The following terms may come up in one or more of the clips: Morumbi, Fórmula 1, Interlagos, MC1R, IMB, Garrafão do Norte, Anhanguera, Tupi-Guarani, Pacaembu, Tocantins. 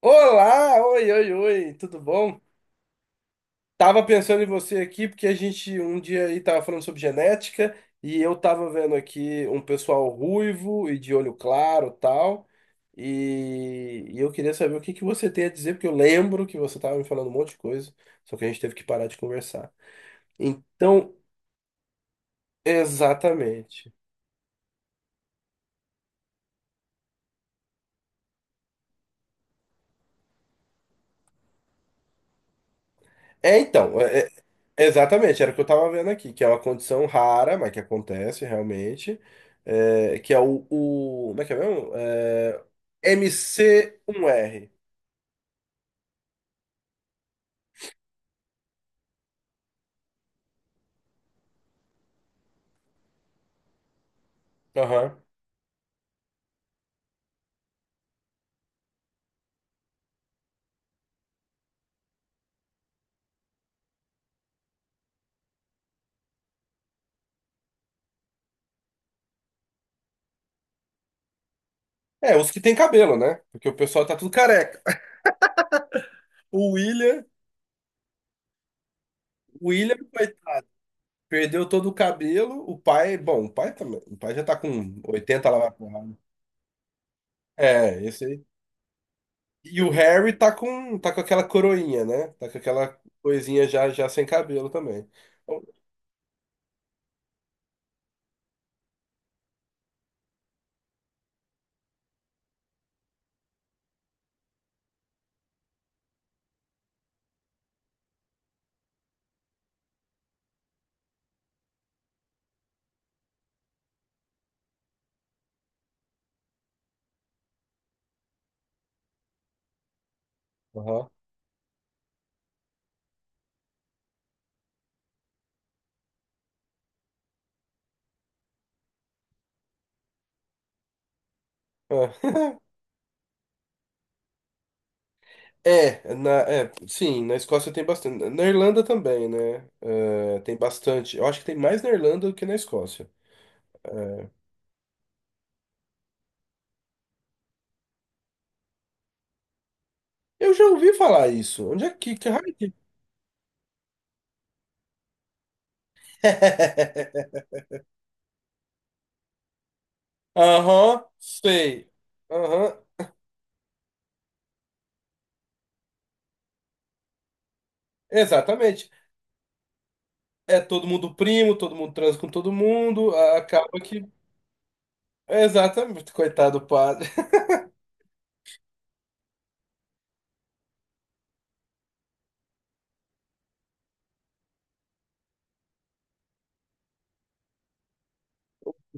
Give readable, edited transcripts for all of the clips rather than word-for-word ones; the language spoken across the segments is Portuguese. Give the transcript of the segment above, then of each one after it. Olá, oi, oi, oi, tudo bom? Tava pensando em você aqui porque a gente um dia aí tava falando sobre genética e eu tava vendo aqui um pessoal ruivo e de olho claro, tal. E eu queria saber o que que você tem a dizer, porque eu lembro que você tava me falando um monte de coisa, só que a gente teve que parar de conversar. Então, exatamente. É, então, é, é, Exatamente, era o que eu tava vendo aqui, que é uma condição rara, mas que acontece realmente, é, que é o- como é que é mesmo? É, MC1R. Aham. É, os que tem cabelo, né? Porque o pessoal tá tudo careca. O William, coitado, perdeu todo o cabelo. O pai, bom, o pai também. O pai já tá com 80 lá, vai pra lá, né? É, esse aí. E o Harry tá com aquela coroinha, né? Tá com aquela coisinha já, já sem cabelo também. Aham. É. Na Escócia tem bastante. Na Irlanda também, né? É, tem bastante. Eu acho que tem mais na Irlanda do que na Escócia. É. Eu já ouvi falar isso. Onde é que raio que... Aham, sei. Aham, exatamente. É todo mundo primo, todo mundo transa com todo mundo. Acaba que. Exatamente, coitado do padre.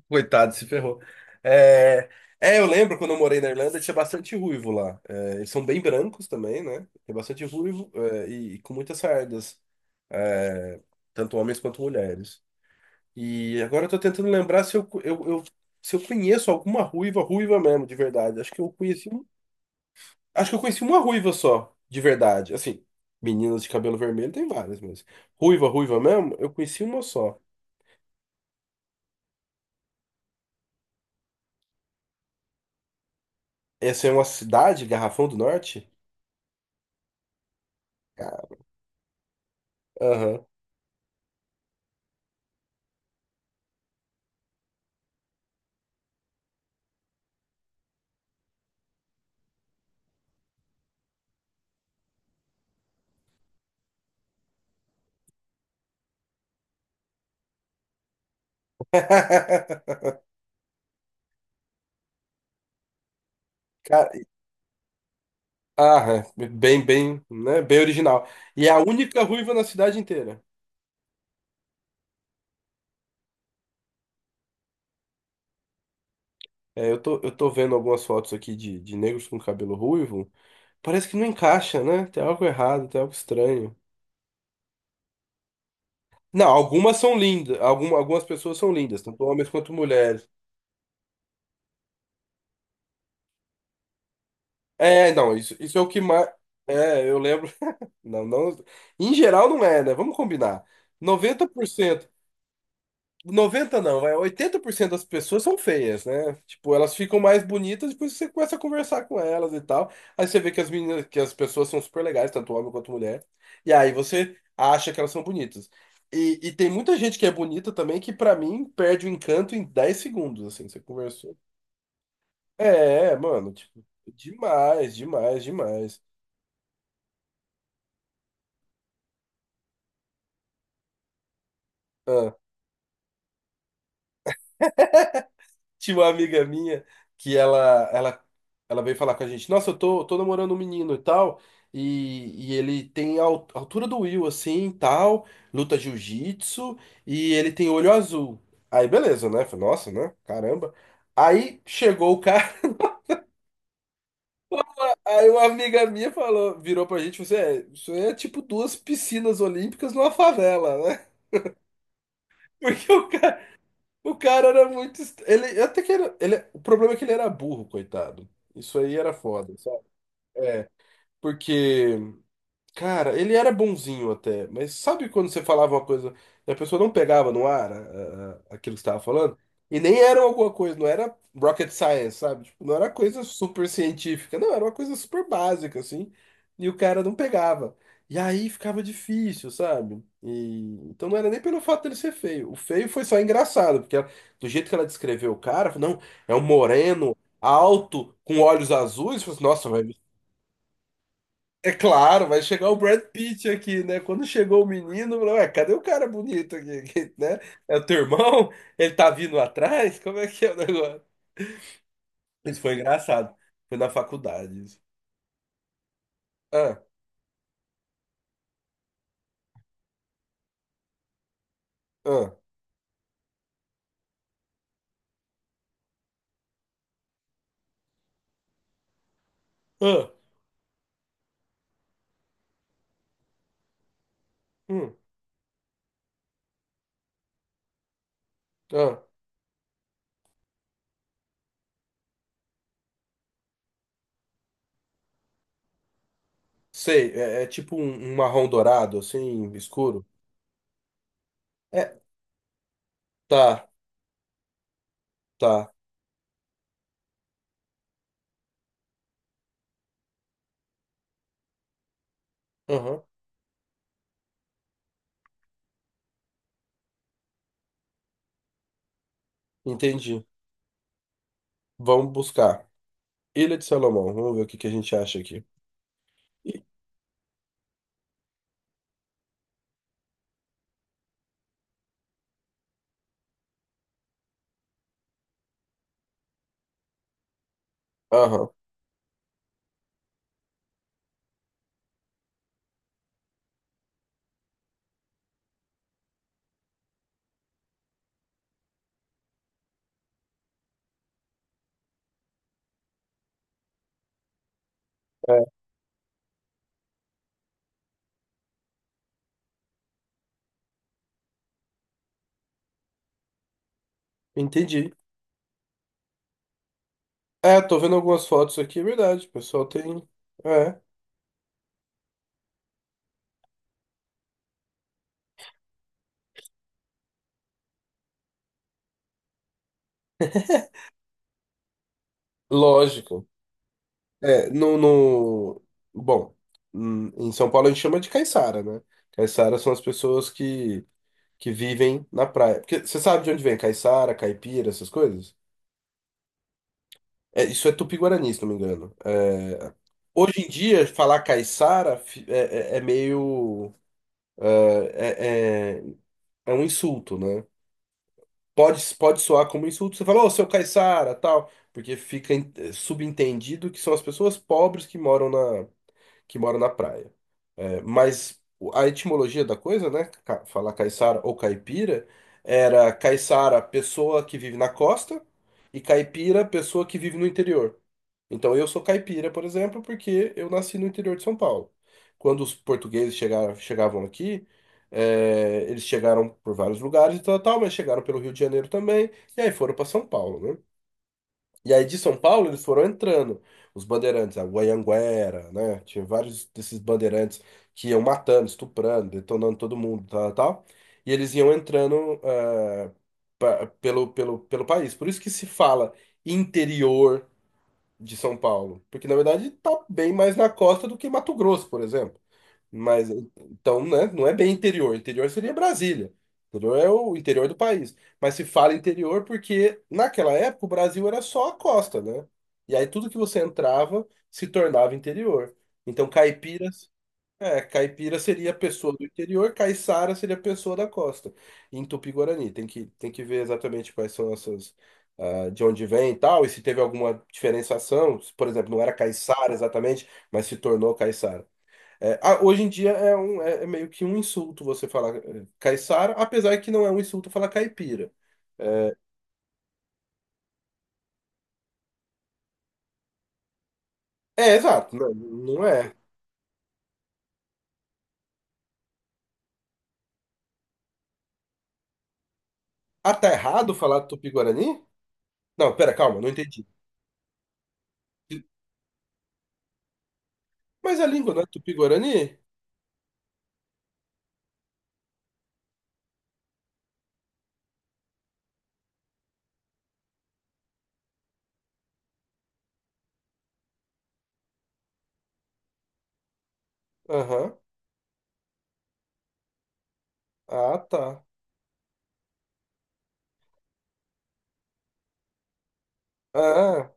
Coitado, se ferrou. É, eu lembro quando eu morei na Irlanda, tinha bastante ruivo lá. É, eles são bem brancos também, né? Tem bastante ruivo, e com muitas sardas, é, tanto homens quanto mulheres. E agora eu tô tentando lembrar se eu conheço alguma ruiva, ruiva mesmo, de verdade. Acho que eu conheci uma ruiva só, de verdade. Assim, meninas de cabelo vermelho tem várias, mas ruiva, ruiva mesmo, eu conheci uma só. Essa é uma cidade, Garrafão do Norte? Aham. Cara, ah, é, bem, bem, né? Bem original. E é a única ruiva na cidade inteira. É, eu tô vendo algumas fotos aqui de negros com cabelo ruivo. Parece que não encaixa, né? Tem algo errado, tem algo estranho. Não, algumas são lindas. Algumas pessoas são lindas, tanto homens quanto mulheres. É, não, isso é o que mais. É, eu lembro. Não, não. Em geral não é, né? Vamos combinar. 90%. Noventa não, vai, 80% das pessoas são feias, né? Tipo, elas ficam mais bonitas depois que você começa a conversar com elas e tal. Aí você vê que as meninas, que as pessoas são super legais, tanto homem quanto mulher. E aí você acha que elas são bonitas. E tem muita gente que é bonita também que, pra mim, perde o encanto em 10 segundos, assim, você conversou. É, mano, tipo, demais, demais, demais. Tinha uma amiga minha que ela, ela, ela veio falar com a gente, nossa, tô namorando um menino e tal, e ele tem a altura do Will, assim, e tal, luta jiu-jitsu, e ele tem olho azul. Aí, beleza, né? Falei, nossa, né? Caramba. Aí chegou o cara, aí uma amiga minha falou, virou pra gente, você é, isso aí é tipo duas piscinas olímpicas numa favela, né? Porque o cara, Ele até que era. Ele, o problema é que ele era burro, coitado. Isso aí era foda. É, porque, cara, ele era bonzinho até, mas sabe quando você falava uma coisa e a pessoa não pegava no ar aquilo que você estava falando? E nem era alguma coisa, não era rocket science, sabe? Tipo, não era coisa super científica, não, era uma coisa super básica, assim, e o cara não pegava. E aí ficava difícil, sabe? E então não era nem pelo fato dele ser feio. O feio foi só engraçado, do jeito que ela descreveu o cara, não, é um moreno alto, com olhos azuis, falou assim, nossa, vai é claro, vai chegar o Brad Pitt aqui, né? Quando chegou o menino, eu falei, ué, cadê o cara bonito aqui, né? É o teu irmão? Ele tá vindo atrás? Como é que é o negócio? Isso foi engraçado. Foi na faculdade isso. Ah, ah, ah, hum, ah. Sei, é é tipo um, um marrom dourado, assim, escuro. É, tá, tá. Aham, entendi. Vamos buscar. Ilha de Salomão, vamos ver o que que a gente acha aqui. Aham, é, entendi. É, tô vendo algumas fotos aqui, é verdade. O pessoal tem. É, lógico. É, no, no... Bom, em São Paulo a gente chama de caiçara, né? Caiçara são as pessoas que vivem na praia. Porque você sabe de onde vem caiçara, caipira, essas coisas? É, isso é tupi-guarani, se não me engano. Hoje em dia, falar caiçara é meio. É, é é é um insulto, né? Pode, pode soar como insulto. Você fala, ô, seu Caiçara, tal, porque fica eh, subentendido que são as pessoas pobres que moram na praia. A etimologia da coisa, né? Falar caiçara ou caipira, era caiçara, pessoa que vive na costa, e caipira, pessoa que vive no interior. Então eu sou caipira, por exemplo, porque eu nasci no interior de São Paulo. Quando os portugueses chegaram, chegavam aqui, é, eles chegaram por vários lugares e tal, tal, mas chegaram pelo Rio de Janeiro também, e aí foram para São Paulo, né? E aí de São Paulo eles foram entrando, os bandeirantes, a Anhanguera, né? Tinha vários desses bandeirantes que iam matando, estuprando, detonando todo mundo, tal, tal. E eles iam entrando eh, pelo país. Por isso que se fala interior, de São Paulo, porque na verdade está bem mais na costa do que Mato Grosso, por exemplo. Mas então, né, não é bem interior. Interior seria Brasília. Interior é o interior do país. Mas se fala interior porque naquela época o Brasil era só a costa, né? E aí tudo que você entrava se tornava interior. Então, caipiras caipira seria a pessoa do interior, caiçara seria a pessoa da costa, em Tupi-Guarani. Tem que ver exatamente quais são essas, ah, de onde vem e tal, e se teve alguma diferenciação. Se, por exemplo, não era caiçara exatamente, mas se tornou caiçara. Hoje em dia meio que um insulto você falar eh, caiçara, apesar que não é um insulto falar caipira. É, exato, não, não é. Ah, tá errado falar Tupi-Guarani? Não, pera, calma, não entendi. Mas a língua não é Tupi-Guarani? Aham, ah, tá. Ah,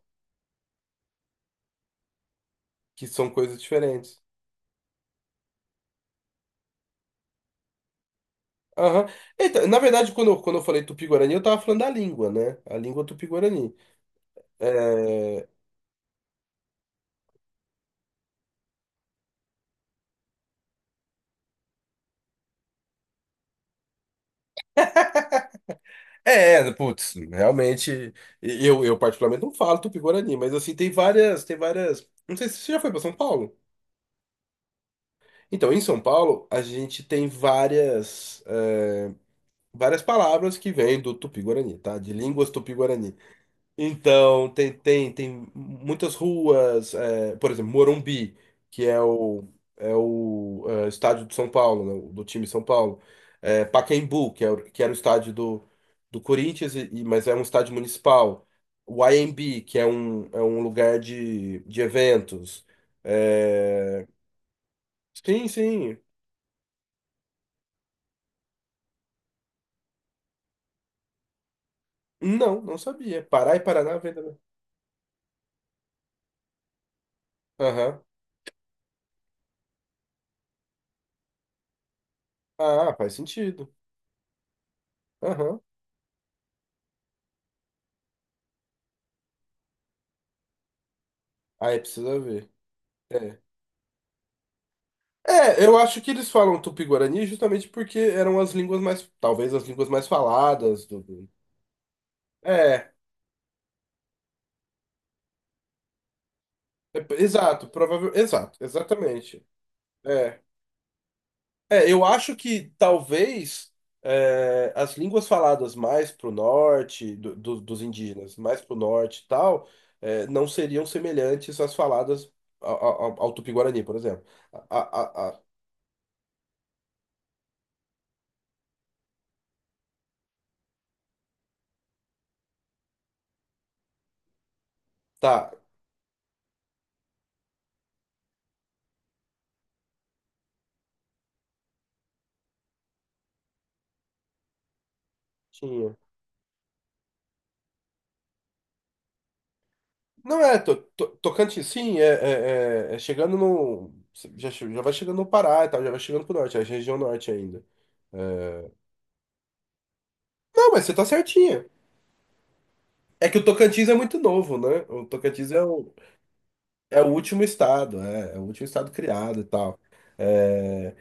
que são coisas diferentes. Aham. Eita, na verdade, quando eu falei Tupi-Guarani, eu tava falando da língua, né? A língua Tupi-Guarani. É... putz, realmente, eu particularmente não falo Tupi-Guarani, mas assim, tem várias... Não sei se você já foi para São Paulo. Então, em São Paulo, a gente tem várias, eh, várias palavras que vêm do Tupi-Guarani, tá? De línguas Tupi-Guarani. Então, tem muitas ruas, é, por exemplo, Morumbi, que é o, é o é, estádio do São Paulo, né, do time São Paulo. É, Pacaembu, que, é, que era o estádio do, do Corinthians, mas é um estádio municipal. O IMB, é um lugar de eventos. É, sim, sim. Não, não sabia. Pará e Paraná, venda. Aham. Ah, faz sentido. Aham. Aí precisa ver. É. É, eu acho que eles falam Tupi-Guarani justamente porque eram as línguas mais, talvez as línguas mais faladas é, é, exato, provável, exato, exatamente. É, eu acho que talvez é, as línguas faladas mais pro norte dos indígenas, mais pro norte e tal, é, não seriam semelhantes às faladas ao Tupi-Guarani, por exemplo. A, a, a- a- tá, tinha. Não é, to, to- Tocantins, sim, é chegando no. Já vai chegando no Pará e tal, já vai chegando pro norte, é a região norte ainda. É. Não, mas você tá certinha. É que o Tocantins é muito novo, né? O Tocantins é o, é o último estado, é o último estado criado e tal. É,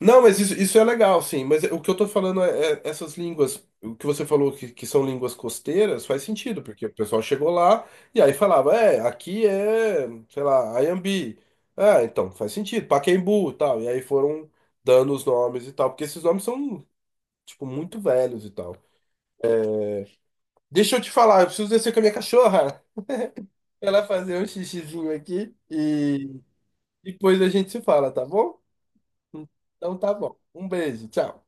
não, mas isso é legal, sim. Mas o que eu tô falando é, é essas línguas, o que você falou que são línguas costeiras, faz sentido, porque o pessoal chegou lá e aí falava, é, aqui é, sei lá, Ayambi. Ah, então, faz sentido, Pacaembu e tal. E aí foram dando os nomes e tal, porque esses nomes são, tipo, muito velhos e tal. Deixa eu te falar, eu preciso descer com a minha cachorra. Ela fazer um xixizinho aqui e depois a gente se fala, tá bom? Então tá bom. Um beijo, tchau.